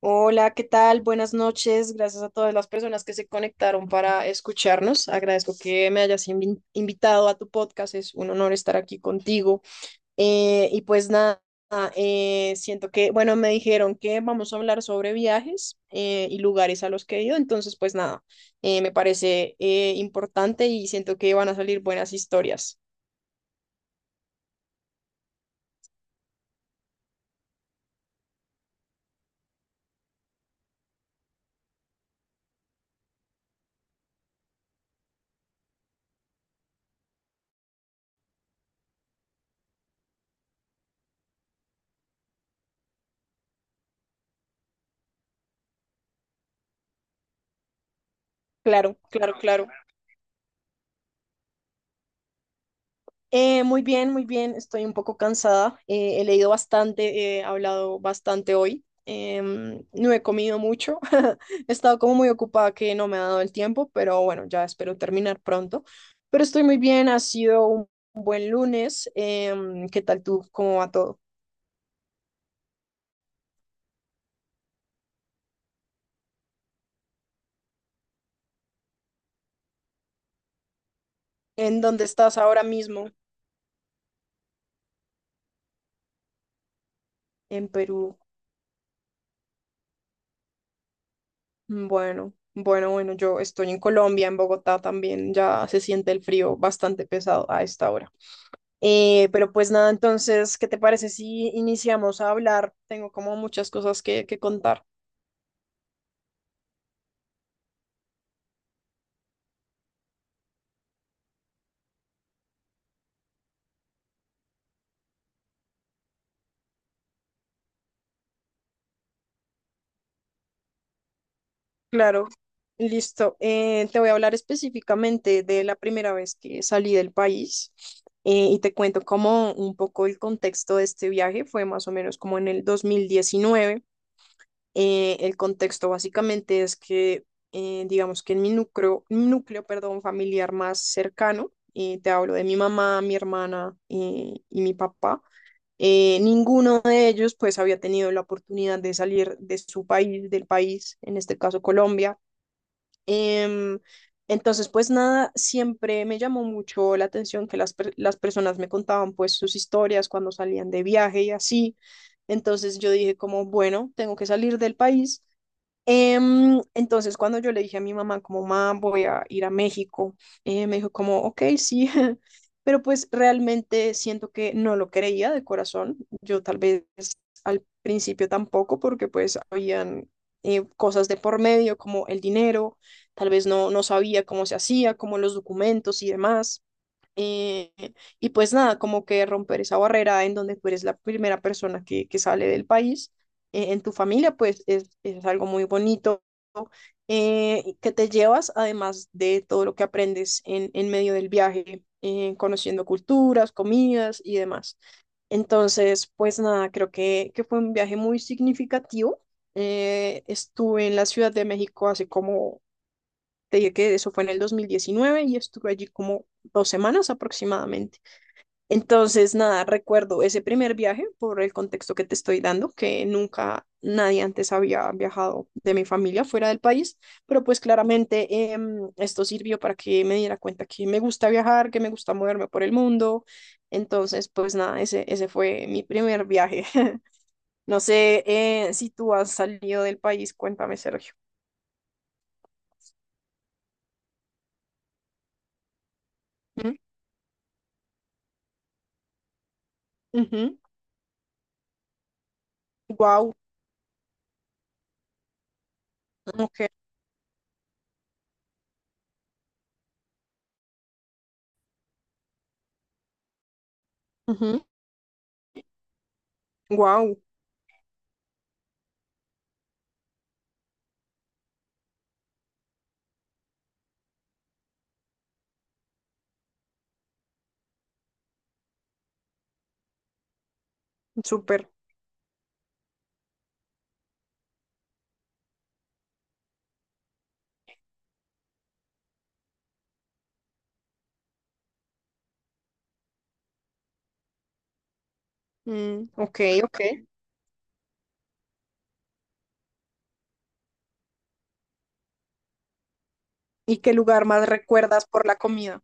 Hola, ¿qué tal? Buenas noches. Gracias a todas las personas que se conectaron para escucharnos. Agradezco que me hayas invitado a tu podcast. Es un honor estar aquí contigo. Y pues nada, siento que, bueno, me dijeron que vamos a hablar sobre viajes y lugares a los que he ido. Entonces, pues nada, me parece importante y siento que van a salir buenas historias. Claro, claro, claro. Muy bien, muy bien. Estoy un poco cansada. He leído bastante, he hablado bastante hoy. No he comido mucho. He estado como muy ocupada que no me ha dado el tiempo, pero bueno, ya espero terminar pronto. Pero estoy muy bien. Ha sido un buen lunes. ¿Qué tal tú? ¿Cómo va todo? ¿En dónde estás ahora mismo? En Perú. Bueno, bueno, bueno. Yo estoy en Colombia, en Bogotá también. Ya se siente el frío bastante pesado a esta hora. Pero pues nada, entonces, ¿qué te parece si iniciamos a hablar? Tengo como muchas cosas que contar. Claro, listo. Te voy a hablar específicamente de la primera vez que salí del país y te cuento como un poco el contexto de este viaje. Fue más o menos como en el 2019. El contexto básicamente es que, digamos que en mi núcleo familiar más cercano, te hablo de mi mamá, mi hermana y mi papá. Ninguno de ellos pues había tenido la oportunidad de salir de su país, del país, en este caso Colombia. Em, entonces pues nada, siempre me llamó mucho la atención que las personas me contaban pues sus historias cuando salían de viaje y así. Entonces yo dije como, bueno, tengo que salir del país. Entonces, cuando yo le dije a mi mamá, como, mamá, voy a ir a México, me dijo como, ok, sí, pero pues realmente siento que no lo creía de corazón. Yo tal vez al principio tampoco, porque pues habían cosas de por medio, como el dinero, tal vez no, no sabía cómo se hacía, como los documentos y demás. Eh, y pues nada, como que romper esa barrera en donde tú eres la primera persona que sale del país en tu familia, pues es algo muy bonito y que te llevas, además de todo lo que aprendes en medio del viaje, conociendo culturas, comidas y demás. Entonces, pues nada, creo que fue un viaje muy significativo. Estuve en la Ciudad de México hace como te dije que eso fue en el 2019 y estuve allí como 2 semanas aproximadamente. Entonces, nada, recuerdo ese primer viaje por el contexto que te estoy dando, que nunca nadie antes había viajado de mi familia fuera del país, pero pues claramente esto sirvió para que me diera cuenta que me gusta viajar, que me gusta moverme por el mundo. Entonces, pues nada, ese fue mi primer viaje. No sé si tú has salido del país, cuéntame, Sergio. Wow, ok. Wow, súper. Mm, ok, ok. ¿Y qué lugar más recuerdas por la comida?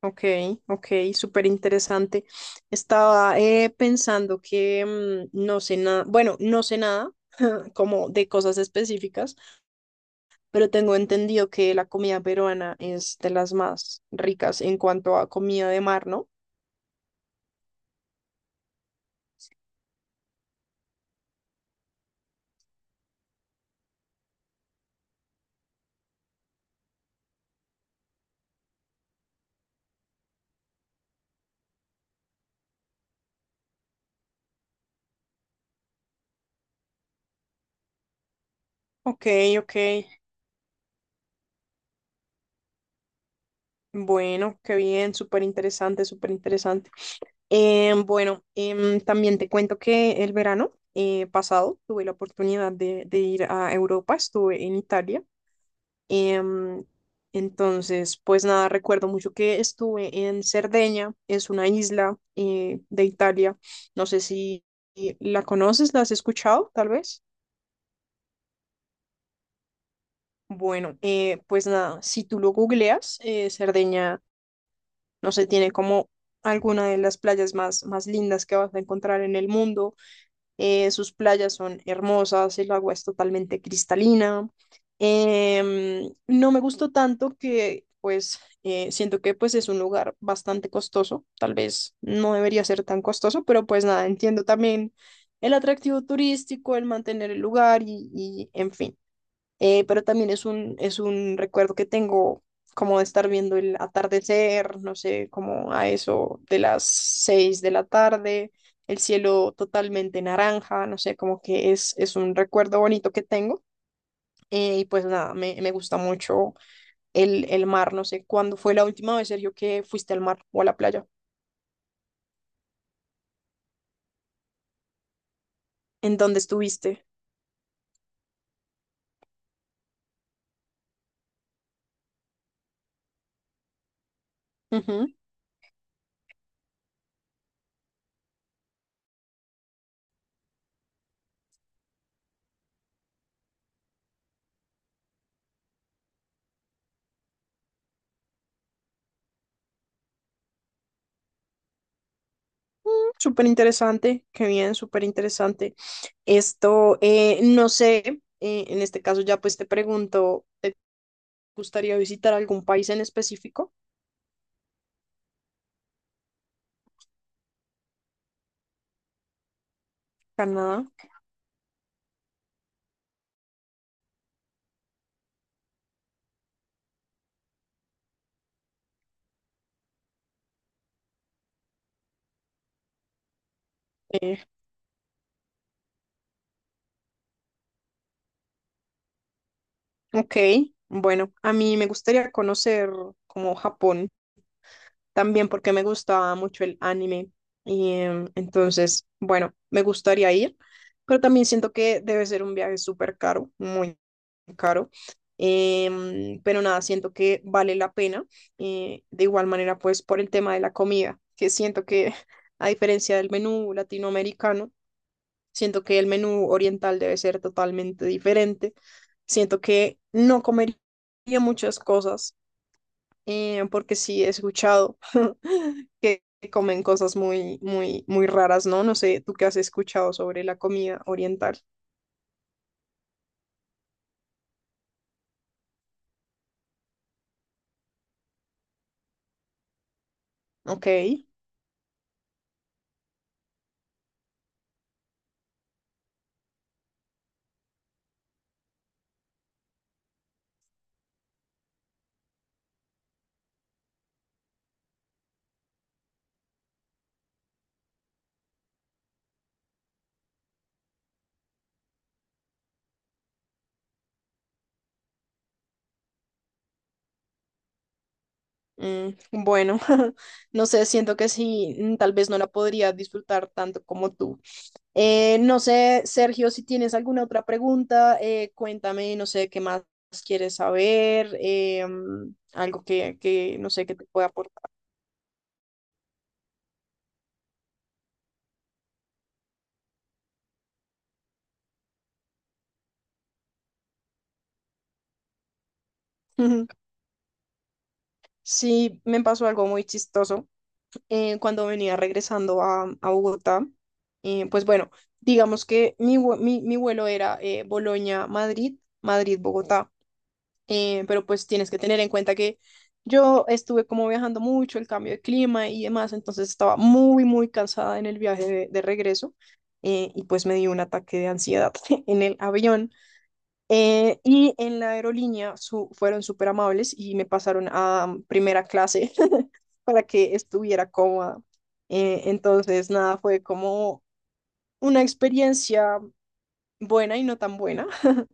Ok, ok, súper interesante. Estaba pensando que mm, no sé nada, bueno, no sé nada como de cosas específicas, pero tengo entendido que la comida peruana es de las más ricas en cuanto a comida de mar, ¿no? Ok, ok. Bueno, qué bien, súper interesante, súper interesante. Bueno, también te cuento que el verano pasado tuve la oportunidad de ir a Europa, estuve en Italia. em, entonces, pues nada, recuerdo mucho que estuve en Cerdeña, es una isla de Italia. No sé si la conoces, la has escuchado, tal vez. Bueno, pues nada, si tú lo googleas, Cerdeña, no sé, tiene como alguna de las playas más, más lindas que vas a encontrar en el mundo. Sus playas son hermosas, el agua es totalmente cristalina. No me gustó tanto que, pues, siento que pues es un lugar bastante costoso. Tal vez no debería ser tan costoso, pero pues nada, entiendo también el atractivo turístico, el mantener el lugar y en fin. Pero también es un recuerdo que tengo como de estar viendo el atardecer, no sé, como a eso de las 6 de la tarde, el cielo totalmente naranja, no sé, como que es un recuerdo bonito que tengo. Y pues nada, me gusta mucho el mar, no sé, ¿cuándo fue la última vez, Sergio, que fuiste al mar o a la playa? ¿En dónde estuviste? Súper interesante, qué bien, súper interesante. Esto, no sé, en este caso ya pues te pregunto, ¿te gustaría visitar algún país en específico? Canadá. Eh, ok, bueno, a mí me gustaría conocer como Japón. También porque me gustaba mucho el anime. Y entonces, bueno, me gustaría ir, pero también siento que debe ser un viaje súper caro, muy caro. Pero nada, siento que vale la pena. De igual manera, pues por el tema de la comida, que siento que a diferencia del menú latinoamericano, siento que el menú oriental debe ser totalmente diferente. Siento que no comería muchas cosas porque sí he escuchado que comen cosas muy, muy, muy raras, ¿no? No sé, ¿tú qué has escuchado sobre la comida oriental? Ok, mm, bueno, no sé, siento que sí, mm, tal vez no la podría disfrutar tanto como tú. No sé, Sergio, si tienes alguna otra pregunta, cuéntame, no sé, qué más quieres saber. Mm, algo que, no sé, que te pueda aportar. Sí, me pasó algo muy chistoso. Cuando venía regresando a Bogotá. Pues bueno, digamos que mi, mi vuelo era Bolonia-Madrid, Madrid-Bogotá, pero pues tienes que tener en cuenta que yo estuve como viajando mucho, el cambio de clima y demás, entonces estaba muy, muy cansada en el viaje de regreso. Y pues me dio un ataque de ansiedad en el avión. Y en la aerolínea fueron súper amables y me pasaron a primera clase para que estuviera cómoda. Entonces, nada, fue como una experiencia buena y no tan buena.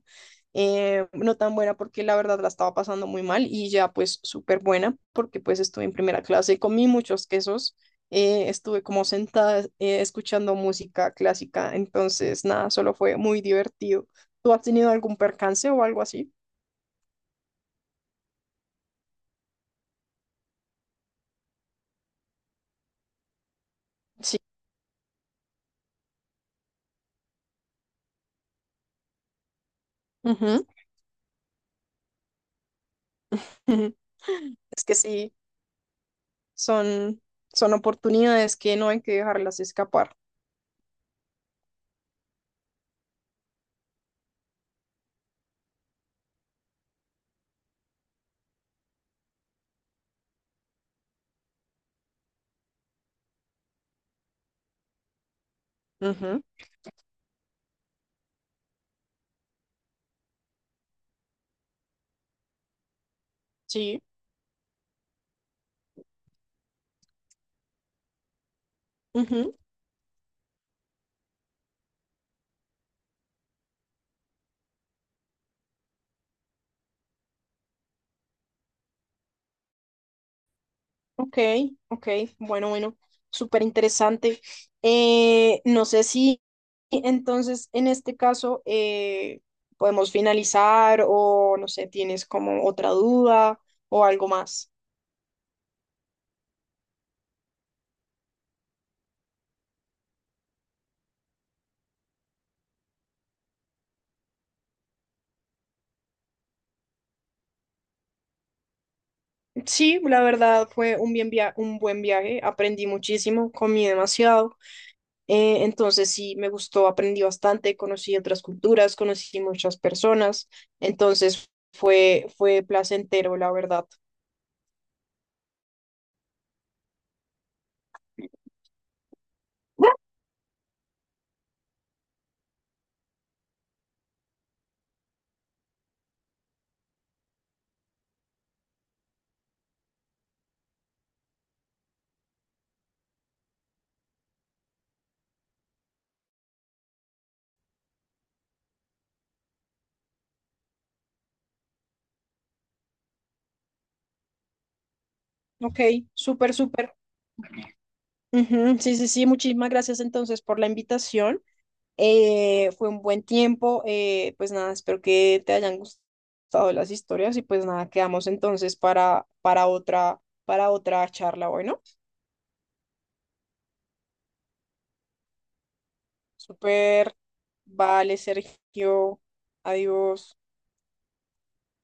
No tan buena porque la verdad la estaba pasando muy mal y ya pues súper buena porque pues estuve en primera clase, comí muchos quesos, estuve como sentada escuchando música clásica, entonces nada, solo fue muy divertido. ¿Tú has tenido algún percance o algo así? Sí, ujú, ujú. Es que sí, son, son oportunidades que no hay que dejarlas escapar. Ujú, sí, ujú. Ok, ok, bueno, bueno, súper interesante. No sé si entonces en este caso podemos finalizar o no sé, tienes como otra duda o algo más. Sí, la verdad fue un buen viaje, aprendí muchísimo, comí demasiado. Entonces sí, me gustó, aprendí bastante, conocí otras culturas, conocí muchas personas, entonces fue, fue placentero, la verdad. Ok, súper, súper. Ujú, sí, sí, sí, muchísimas gracias entonces por la invitación. Fue un buen tiempo, pues nada, espero que te hayan gustado las historias y pues nada, quedamos entonces para otra, para otra charla, bueno. Súper, vale, Sergio, adiós.